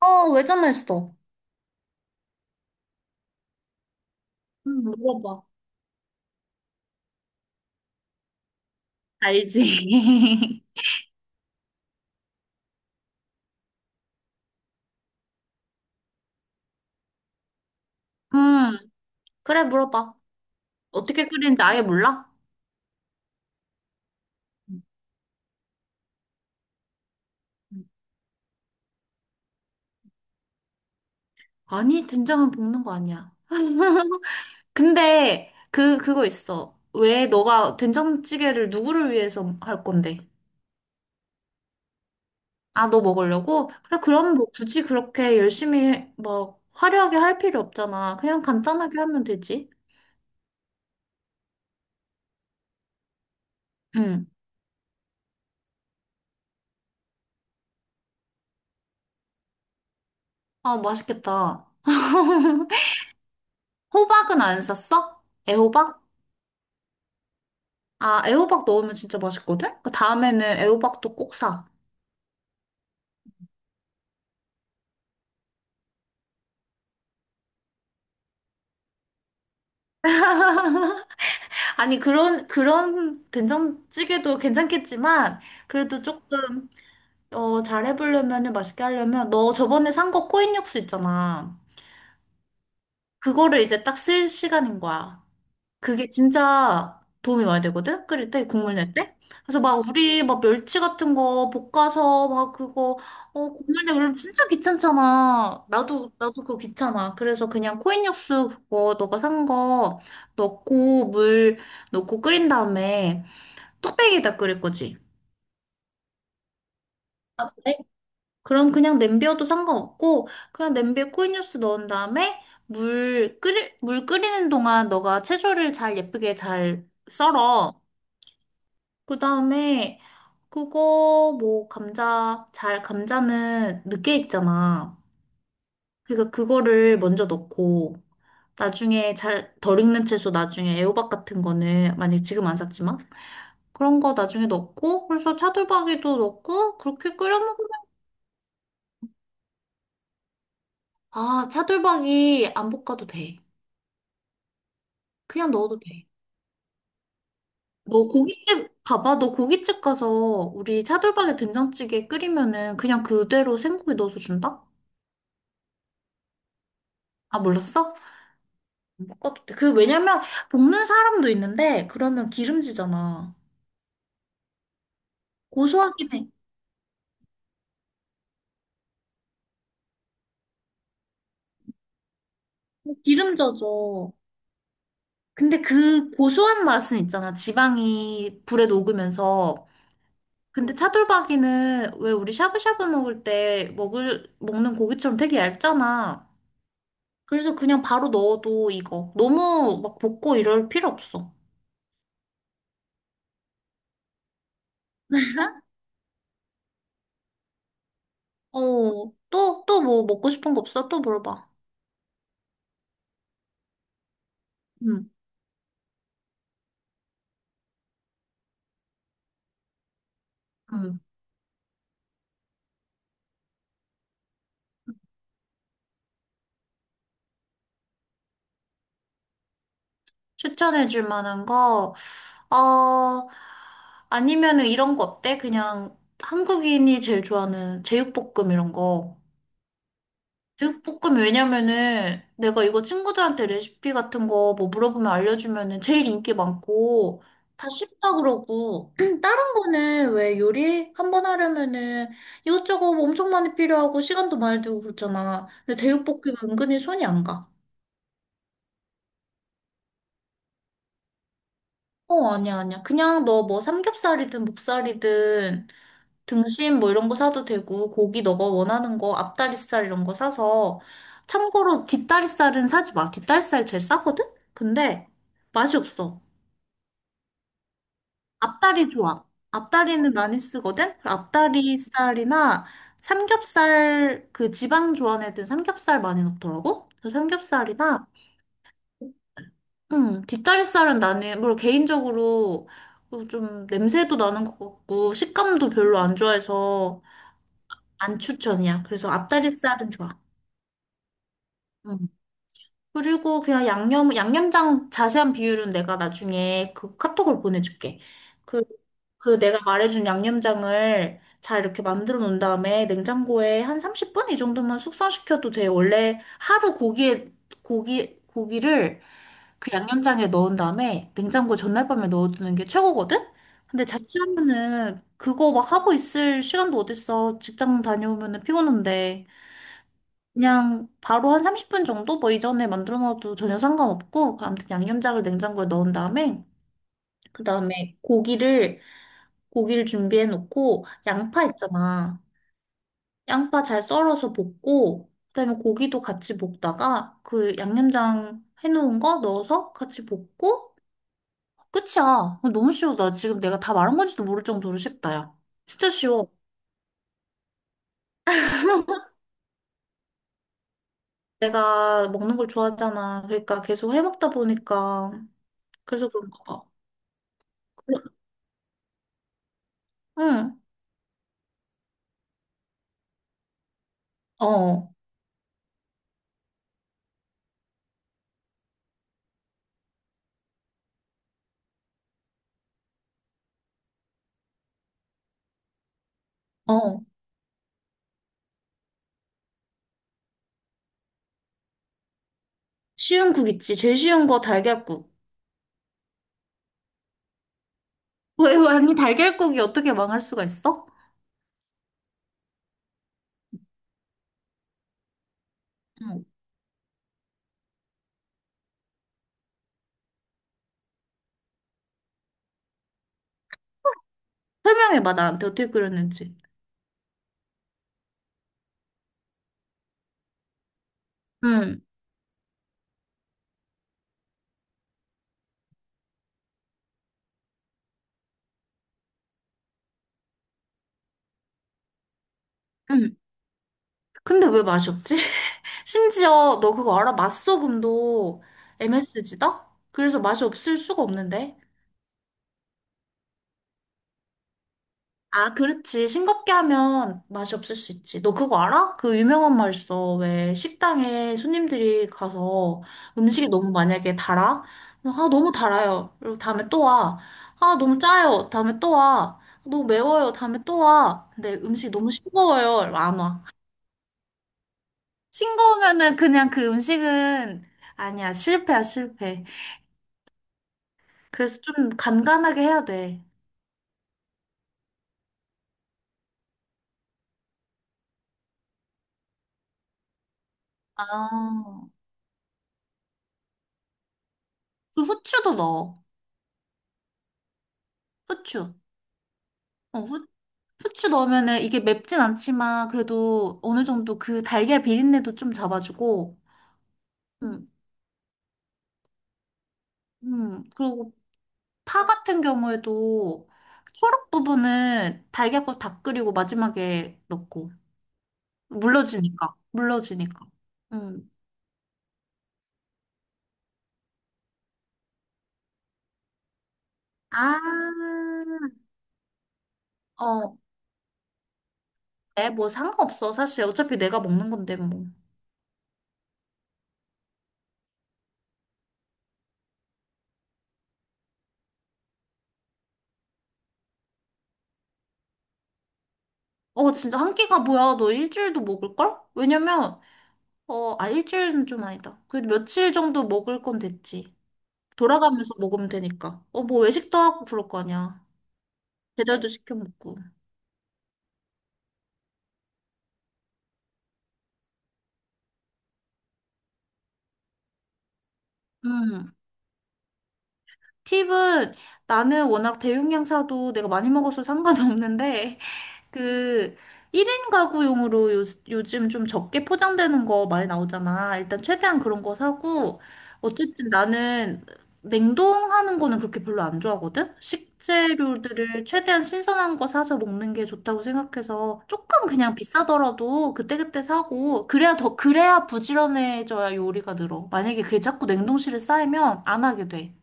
어, 왜 전화했어? 물어봐. 알지. 음, 그래, 물어봐. 어떻게 끓이는지 아예 몰라? 음, 음. 아니, 된장은 볶는 거 아니야. 근데, 그거 있어. 왜 너가 된장찌개를 누구를 위해서 할 건데? 아, 너 먹으려고? 그래, 그럼 뭐 굳이 그렇게 열심히 막 화려하게 할 필요 없잖아. 그냥 간단하게 하면 되지. 응. 아, 맛있겠다. 호박은 안 샀어? 애호박? 아, 애호박 넣으면 진짜 맛있거든? 그 다음에는 애호박도 꼭 사. 아니, 그런 된장찌개도 괜찮겠지만, 그래도 조금, 어, 잘 해보려면, 맛있게 하려면, 너 저번에 산 거 코인 육수 있잖아. 그거를 이제 딱 쓸 시간인 거야. 그게 진짜 도움이 많이 되거든? 끓일 때, 국물 낼 때? 그래서 막 우리 막 멸치 같은 거 볶아서 막 그거, 어, 국물 내고 그러면 진짜 귀찮잖아. 나도 그거 귀찮아. 그래서 그냥 코인 육수 그거 너가 산 거 넣고 물 넣고 끓인 다음에 뚝배기에다 끓일 거지. 네. 그럼 그냥 냄비여도 상관없고 그냥 냄비에 코인 육수 넣은 다음에 물 끓이는 동안 너가 채소를 잘 예쁘게 잘 썰어. 그다음에 그거 뭐 감자는 늦게 익잖아. 그러니까 그거를 먼저 넣고 나중에 잘 덜 익는 채소 나중에 애호박 같은 거는 만약에 지금 안 샀지만 그런 거 나중에 넣고 그래서 차돌박이도 넣고 그렇게 끓여 먹으면 아 차돌박이 안 볶아도 돼. 그냥 넣어도 돼. 너 고깃집 봐봐. 너 고깃집 가서 우리 차돌박이 된장찌개 끓이면은 그냥 그대로 생고기 넣어서 준다? 아 몰랐어? 어, 그, 왜냐면, 볶는 사람도 있는데, 그러면 기름지잖아. 고소하긴 해. 기름 져져. 근데 그 고소한 맛은 있잖아. 지방이 불에 녹으면서. 근데 응. 차돌박이는 왜 우리 샤브샤브 먹을 때 먹는 고기처럼 되게 얇잖아. 그래서 그냥 바로 넣어도 익어. 너무 막 볶고 이럴 필요 없어. 어, 또 뭐 먹고 싶은 거 없어? 또 물어봐. 응, 응. 추천해줄 만한 거. 어, 아니면은 이런 거 어때? 그냥 한국인이 제일 좋아하는 제육볶음 이런 거. 제육볶음 왜냐면은 내가 이거 친구들한테 레시피 같은 거 뭐 물어보면 알려주면은 제일 인기 많고 다 쉽다 그러고 다른 거는 왜 요리 한번 하려면은 이것저것 뭐 엄청 많이 필요하고 시간도 많이 들고 그렇잖아. 근데 제육볶은근히 손이 안 가. 어, 아니야, 아니야. 그냥 너 뭐 삼겹살이든 목살이든 등심 뭐 이런 거 사도 되고 고기 너가 원하는 거 앞다리살 이런 거 사서 참고로 뒷다리살은 사지 마. 뒷다리살 제일 싸거든? 근데 맛이 없어. 앞다리 좋아. 앞다리는 많이 쓰거든? 앞다리살이나 삼겹살 그 지방 좋아하는 삼겹살 많이 넣더라고. 그래서 삼겹살이나 뒷다리살은 나는 뭘 개인적으로 어, 좀 냄새도 나는 것 같고 식감도 별로 안 좋아해서 안 추천이야. 그래서 앞다리살은 좋아. 음. 그리고 그냥 양념장 자세한 비율은 내가 나중에 그 카톡을 보내줄게. 그, 그 내가 말해준 양념장을 잘 이렇게 만들어 놓은 다음에 냉장고에 한 30분 이 정도만 숙성시켜도 돼. 원래 하루 고기를 그 양념장에 넣은 다음에 냉장고 전날 밤에 넣어두는 게 최고거든? 근데 자취하면은 그거 막 하고 있을 시간도 어딨어. 직장 다녀오면은 피곤한데. 그냥 바로 한 30분 정도 뭐 이전에 만들어 놔도 전혀 상관없고 아무튼 양념장을 냉장고에 넣은 다음에 그다음에 고기를 준비해 놓고 양파 있잖아. 양파 잘 썰어서 볶고 그다음에 고기도 같이 볶다가 그 양념장 해놓은 거 넣어서 같이 볶고 끝이야. 너무 쉬워. 나 지금 내가 다 말한 건지도 모를 정도로 쉽다, 야. 진짜 쉬워. 내가 먹는 걸 좋아하잖아. 그러니까 계속 해 먹다 보니까 그래서 그런가 봐. 그래- 응. 어, 어. 쉬운 국 있지. 제일 쉬운 거 달걀국. 왜, 아니, 달걀국이 어떻게 망할 수가 있어? 응. 설명해봐, 나한테 어떻게 끓였는지. 응, 응. 근데 왜 맛이 없지? 심지어, 너 그거 알아? 맛소금도 MSG다? 그래서 맛이 없을 수가 없는데. 아, 그렇지. 싱겁게 하면 맛이 없을 수 있지. 너 그거 알아? 그 유명한 말 있어. 왜 식당에 손님들이 가서 음식이 너무 만약에 달아? 아, 너무 달아요. 그리고 다음에 또 와. 아, 너무 짜요. 다음에 또 와. 너무 매워요. 다음에 또 와. 근데 음식이 너무 싱거워요. 이러면 안 와. 싱거우면은 그냥 그 음식은 아니야. 실패야, 실패. 그래서 좀 간간하게 해야 돼. 아, 그 후추도 넣어. 후추. 어, 후추 넣으면은 이게 맵진 않지만 그래도 어느 정도 그 달걀 비린내도 좀 잡아주고, 음, 그리고 파 같은 경우에도 초록 부분은 달걀국 다 끓이고 마지막에 넣고 물러지니까. 음. 아, 어, 네, 뭐 상관없어. 사실 어차피 내가 먹는 건데 뭐. 어, 진짜 한 끼가 뭐야? 너 일주일도 먹을걸? 왜냐면, 어, 아, 일주일은 좀 아니다. 그래도 며칠 정도 먹을 건 됐지. 돌아가면서 먹으면 되니까. 어, 뭐 외식도 하고 그럴 거 아니야. 배달도 시켜 먹고. 음. 팁은 나는 워낙 대용량 사도 내가 많이 먹어서 상관없는데 그 1인 가구용으로 요즘 좀 적게 포장되는 거 많이 나오잖아. 일단 최대한 그런 거 사고 어쨌든 나는 냉동하는 거는 그렇게 별로 안 좋아하거든. 식재료들을 최대한 신선한 거 사서 먹는 게 좋다고 생각해서 조금 그냥 비싸더라도 그때그때 사고 그래야 더 그래야 부지런해져야 요리가 늘어. 만약에 그게 자꾸 냉동실에 쌓이면 안 하게 돼.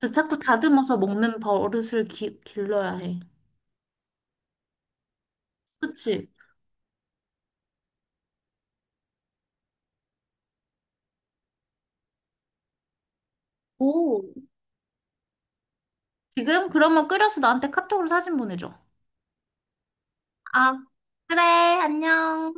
그래서 자꾸 다듬어서 먹는 버릇을 길러야 해. 그치? 오. 지금? 그러면 끓여서 나한테 카톡으로 사진 보내줘. 아, 그래, 안녕.